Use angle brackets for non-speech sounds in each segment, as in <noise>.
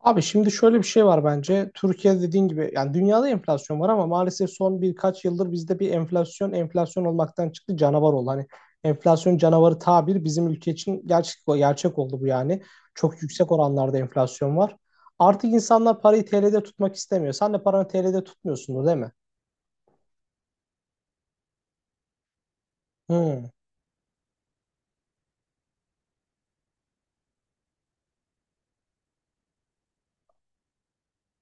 Abi şimdi şöyle bir şey var bence. Türkiye dediğin gibi yani dünyada enflasyon var ama maalesef son birkaç yıldır bizde bir enflasyon enflasyon olmaktan çıktı canavar oldu. Hani enflasyon canavarı tabir bizim ülke için gerçek, gerçek oldu bu yani. Çok yüksek oranlarda enflasyon var. Artık insanlar parayı TL'de tutmak istemiyor. Sen de paranı TL'de tutmuyorsundur değil mi? Hmm.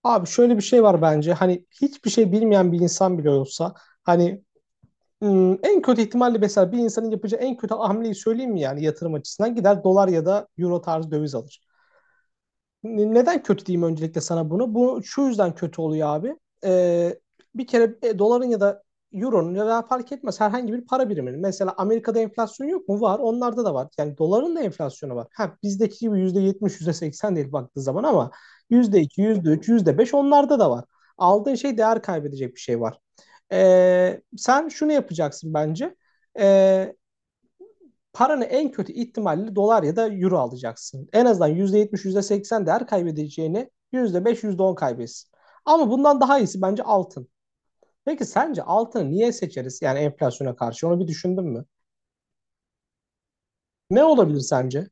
Abi şöyle bir şey var bence. Hani hiçbir şey bilmeyen bir insan bile olsa hani en kötü ihtimalle mesela bir insanın yapacağı en kötü hamleyi söyleyeyim mi yani yatırım açısından gider dolar ya da euro tarzı döviz alır. Neden kötü diyeyim öncelikle sana bunu? Bu şu yüzden kötü oluyor abi. Ee, bir kere doların ya da euronun ya da fark etmez herhangi bir para biriminin. Mesela Amerika'da enflasyon yok mu? Var. Onlarda da var. Yani doların da enflasyonu var. Ha, bizdeki gibi %70, %80 değil baktığı zaman ama yüzde iki yüzde üç yüzde beş onlarda da var. Aldığın şey değer kaybedecek bir şey var. Sen şunu yapacaksın bence. Ee, paranı en kötü ihtimalle dolar ya da euro alacaksın. En azından yüzde yetmiş yüzde seksen değer kaybedeceğini %5, %10 kaybetsin. Ama bundan daha iyisi bence altın. Peki sence altını niye seçeriz? Yani enflasyona karşı onu bir düşündün mü? Ne olabilir sence?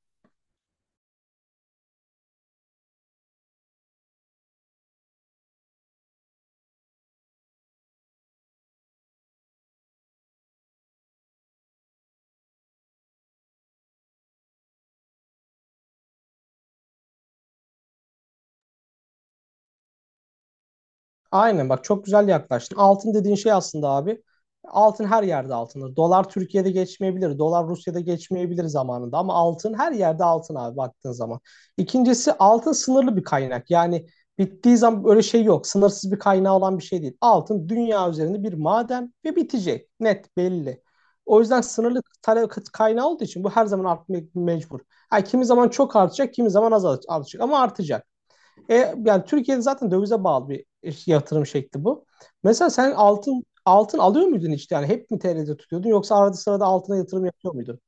Aynen bak çok güzel yaklaştın. Altın dediğin şey aslında abi. Altın her yerde altındır. Dolar Türkiye'de geçmeyebilir. Dolar Rusya'da geçmeyebilir zamanında. Ama altın her yerde altın abi baktığın zaman. İkincisi altın sınırlı bir kaynak. Yani bittiği zaman böyle şey yok. Sınırsız bir kaynağı olan bir şey değil. Altın dünya üzerinde bir maden ve bitecek. Net belli. O yüzden sınırlı talep kaynağı olduğu için bu her zaman artmak mecbur. Ha kimi zaman çok artacak, kimi zaman az artacak ama artacak. Yani Türkiye'de zaten dövize bağlı bir yatırım şekli bu. Mesela sen altın altın alıyor muydun hiç? Yani hep mi TL'de tutuyordun yoksa arada sırada altına yatırım yapıyor muydun?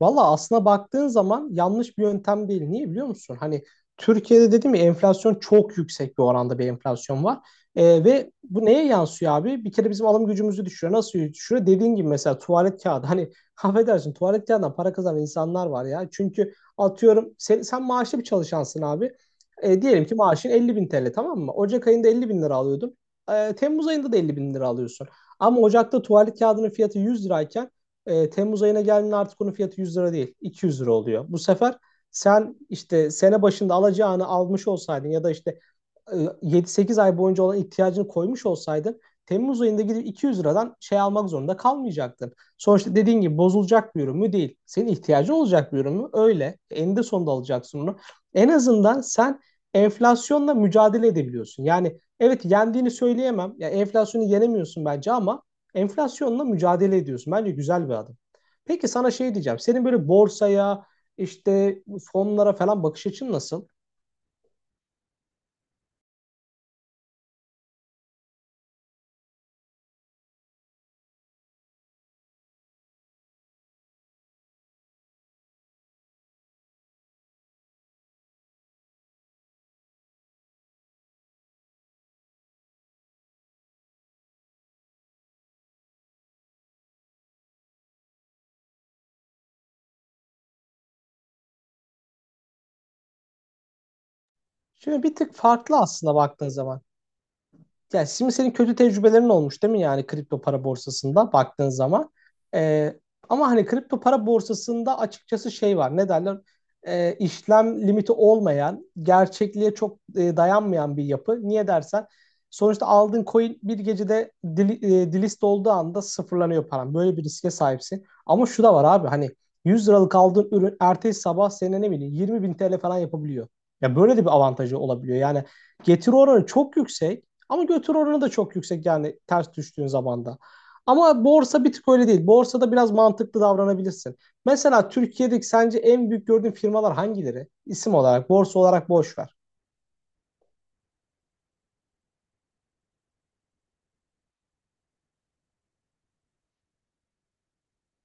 Valla aslına baktığın zaman yanlış bir yöntem değil. Niye biliyor musun? Hani Türkiye'de dedim ya enflasyon çok yüksek bir oranda bir enflasyon var. Ve bu neye yansıyor abi? Bir kere bizim alım gücümüzü düşürüyor. Nasıl düşürüyor? Dediğin gibi mesela tuvalet kağıdı. Hani <laughs> affedersin tuvalet kağıdından para kazanan insanlar var ya. Çünkü atıyorum sen maaşlı bir çalışansın abi. Diyelim ki maaşın 50 bin TL tamam mı? Ocak ayında 50 bin lira alıyordun. Temmuz ayında da 50 bin lira alıyorsun. Ama Ocak'ta tuvalet kağıdının fiyatı 100 lirayken Temmuz ayına geldiğinde artık onun fiyatı 100 lira değil, 200 lira oluyor. Bu sefer sen işte sene başında alacağını almış olsaydın ya da işte e, 7-8 ay boyunca olan ihtiyacını koymuş olsaydın Temmuz ayında gidip 200 liradan şey almak zorunda kalmayacaktın. Sonuçta dediğin gibi bozulacak bir ürün mü değil. Senin ihtiyacı olacak bir ürün mü? Öyle. Eninde sonunda alacaksın onu. En azından sen enflasyonla mücadele edebiliyorsun. Yani evet yendiğini söyleyemem. Ya enflasyonu yenemiyorsun bence ama enflasyonla mücadele ediyorsun. Bence güzel bir adım. Peki sana şey diyeceğim. Senin böyle borsaya, işte bu fonlara falan bakış açın nasıl? Şimdi bir tık farklı aslında baktığın zaman. Ya şimdi senin kötü tecrübelerin olmuş değil mi yani kripto para borsasında baktığın zaman. Ee, ama hani kripto para borsasında açıkçası şey var ne derler işlem limiti olmayan gerçekliğe çok dayanmayan bir yapı. Niye dersen sonuçta aldığın coin bir gecede delist olduğu anda sıfırlanıyor paran. Böyle bir riske sahipsin. Ama şu da var abi hani 100 liralık aldığın ürün ertesi sabah senin ne bileyim 20 bin TL falan yapabiliyor. Ya böyle de bir avantajı olabiliyor. Yani getiri oranı çok yüksek. Ama götür oranı da çok yüksek yani ters düştüğün zaman da. Ama borsa bir tık öyle değil. Borsada biraz mantıklı davranabilirsin. Mesela Türkiye'deki sence en büyük gördüğün firmalar hangileri? İsim olarak, borsa olarak boş ver.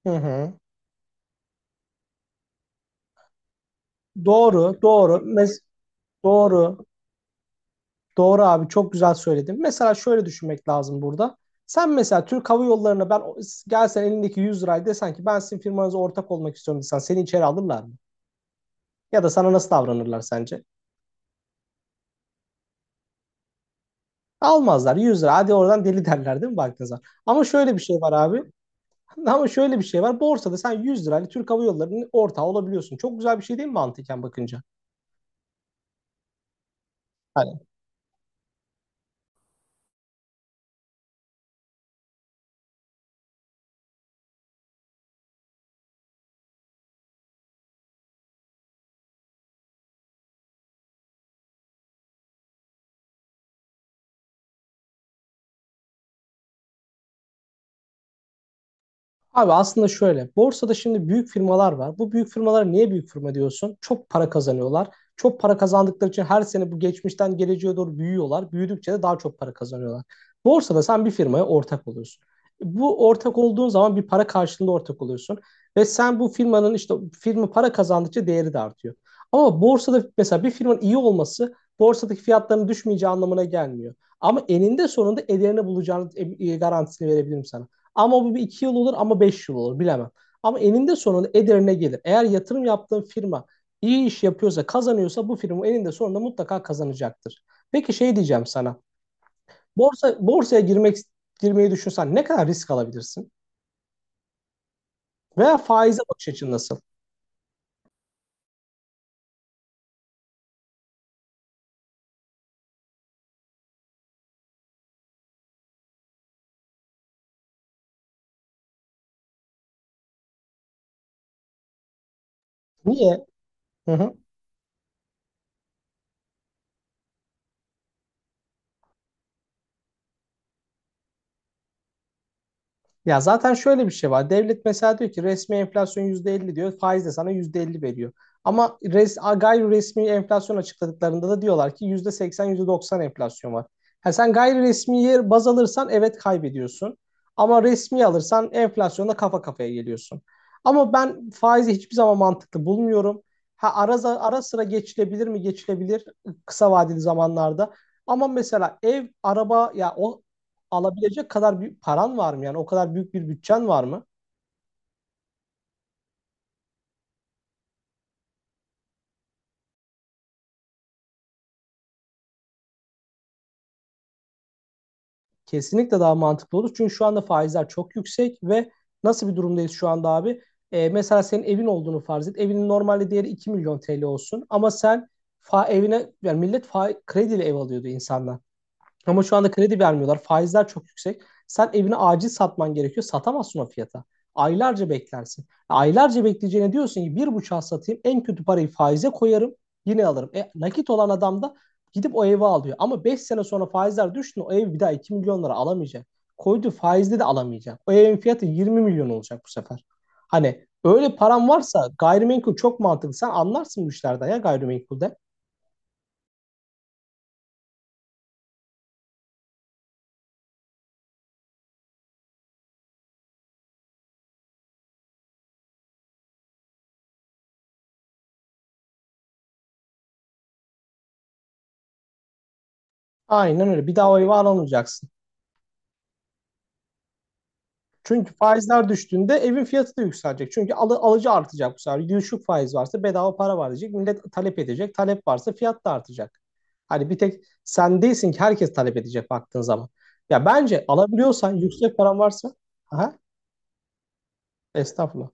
Hı hı. Doğru, doğru. Doğru. Doğru abi çok güzel söyledin. Mesela şöyle düşünmek lazım burada. Sen mesela Türk Hava Yolları'na ben gelsen elindeki 100 lirayı desen ki ben sizin firmanıza ortak olmak istiyorum desen seni içeri alırlar mı? Ya da sana nasıl davranırlar sence? Almazlar 100 lira. Hadi oradan deli derler değil mi Baltazar? Ama şöyle bir şey var abi. <laughs> Ama şöyle bir şey var. Borsada sen 100 lirayla Türk Hava Yolları'nın ortağı olabiliyorsun. Çok güzel bir şey değil mi mantıken bakınca? Hani Abi aslında şöyle, borsada şimdi büyük firmalar var. Bu büyük firmalara niye büyük firma diyorsun? Çok para kazanıyorlar. Çok para kazandıkları için her sene bu geçmişten geleceğe doğru büyüyorlar. Büyüdükçe de daha çok para kazanıyorlar. Borsada sen bir firmaya ortak oluyorsun. Bu ortak olduğun zaman bir para karşılığında ortak oluyorsun. Ve sen bu firmanın işte firma para kazandıkça değeri de artıyor. Ama borsada mesela bir firmanın iyi olması borsadaki fiyatların düşmeyeceği anlamına gelmiyor. Ama eninde sonunda ederini bulacağını garantisini verebilirim sana. Ama bu bir iki yıl olur ama beş yıl olur bilemem. Ama eninde sonunda ederine gelir. Eğer yatırım yaptığın firma iyi iş yapıyorsa, kazanıyorsa bu firma eninde sonunda mutlaka kazanacaktır. Peki şey diyeceğim sana. Borsaya girmeyi düşünsen ne kadar risk alabilirsin? Veya faize bakış açın nasıl? Niye? Hı hı. Ya zaten şöyle bir şey var. Devlet mesela diyor ki resmi enflasyon %50 diyor. Faiz de sana %50 veriyor. Ama gayri resmi enflasyon açıkladıklarında da diyorlar ki %80, %90 enflasyon var. Ha sen gayri resmiye baz alırsan evet kaybediyorsun. Ama resmi alırsan enflasyonla kafa kafaya geliyorsun. Ama ben faizi hiçbir zaman mantıklı bulmuyorum. Ha ara sıra geçilebilir mi? Geçilebilir kısa vadeli zamanlarda. Ama mesela ev, araba ya o alabilecek kadar bir paran var mı? Yani o kadar büyük bir bütçen var mı? Kesinlikle daha mantıklı olur. Çünkü şu anda faizler çok yüksek ve nasıl bir durumdayız şu anda abi? Mesela senin evin olduğunu farz et. Evinin normalde değeri 2 milyon TL olsun ama sen evine yani millet krediyle ev alıyordu insanlar. Ama şu anda kredi vermiyorlar. Faizler çok yüksek. Sen evini acil satman gerekiyor. Satamazsın o fiyata. Aylarca beklersin. Aylarca bekleyeceğine diyorsun ki bir buçuğa satayım. En kötü parayı faize koyarım. Yine alırım. Nakit olan adam da gidip o evi alıyor. Ama 5 sene sonra faizler düştü. O ev bir daha 2 milyon lira alamayacak. Koyduğu faizle de alamayacak. O evin fiyatı 20 milyon olacak bu sefer. Hani öyle param varsa gayrimenkul çok mantıklı. Sen anlarsın bu işlerden ya gayrimenkulde. Aynen öyle. Bir daha o evi alamayacaksın. Çünkü faizler düştüğünde evin fiyatı da yükselecek. Çünkü alıcı artacak bu sefer. Düşük faiz varsa bedava para var diyecek. Millet talep edecek. Talep varsa fiyat da artacak. Hani bir tek sen değilsin ki herkes talep edecek baktığın zaman. Ya bence alabiliyorsan yüksek paran varsa aha, estağfurullah.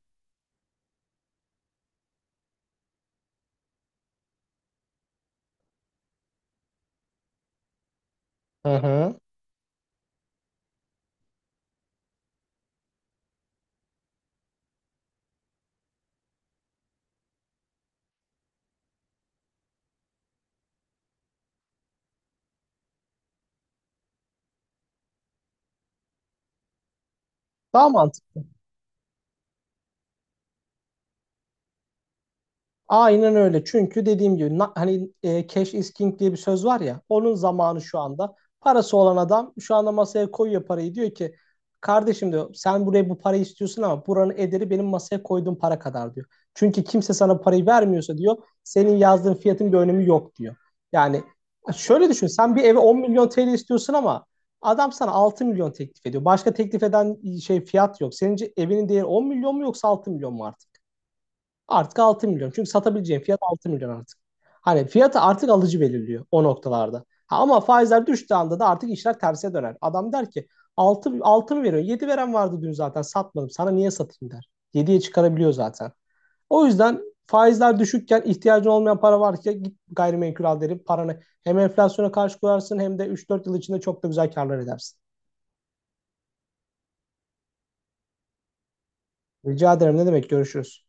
Hı hı. Daha mantıklı. Aynen öyle. Çünkü dediğim gibi hani cash is king diye bir söz var ya. Onun zamanı şu anda. Parası olan adam şu anda masaya koyuyor parayı. Diyor ki kardeşim diyor sen buraya bu parayı istiyorsun ama buranın ederi benim masaya koyduğum para kadar diyor. Çünkü kimse sana parayı vermiyorsa diyor senin yazdığın fiyatın bir önemi yok diyor. Yani şöyle düşün sen bir eve 10 milyon TL istiyorsun ama adam sana 6 milyon teklif ediyor. Başka teklif eden şey fiyat yok. Senin evinin değeri 10 milyon mu yoksa 6 milyon mu artık? Artık 6 milyon. Çünkü satabileceğin fiyat 6 milyon artık. Hani fiyatı artık alıcı belirliyor o noktalarda. Ha, ama faizler düştüğü anda da artık işler terse döner. Adam der ki 6 6 mı veriyorsun? 7 veren vardı dün zaten satmadım. Sana niye satayım der. Yediye çıkarabiliyor zaten. O yüzden faizler düşükken ihtiyacın olmayan para var git gayrimenkul al derim. Paranı hem enflasyona karşı koyarsın hem de üç dört yıl içinde çok da güzel karlar edersin. Rica ederim ne demek görüşürüz.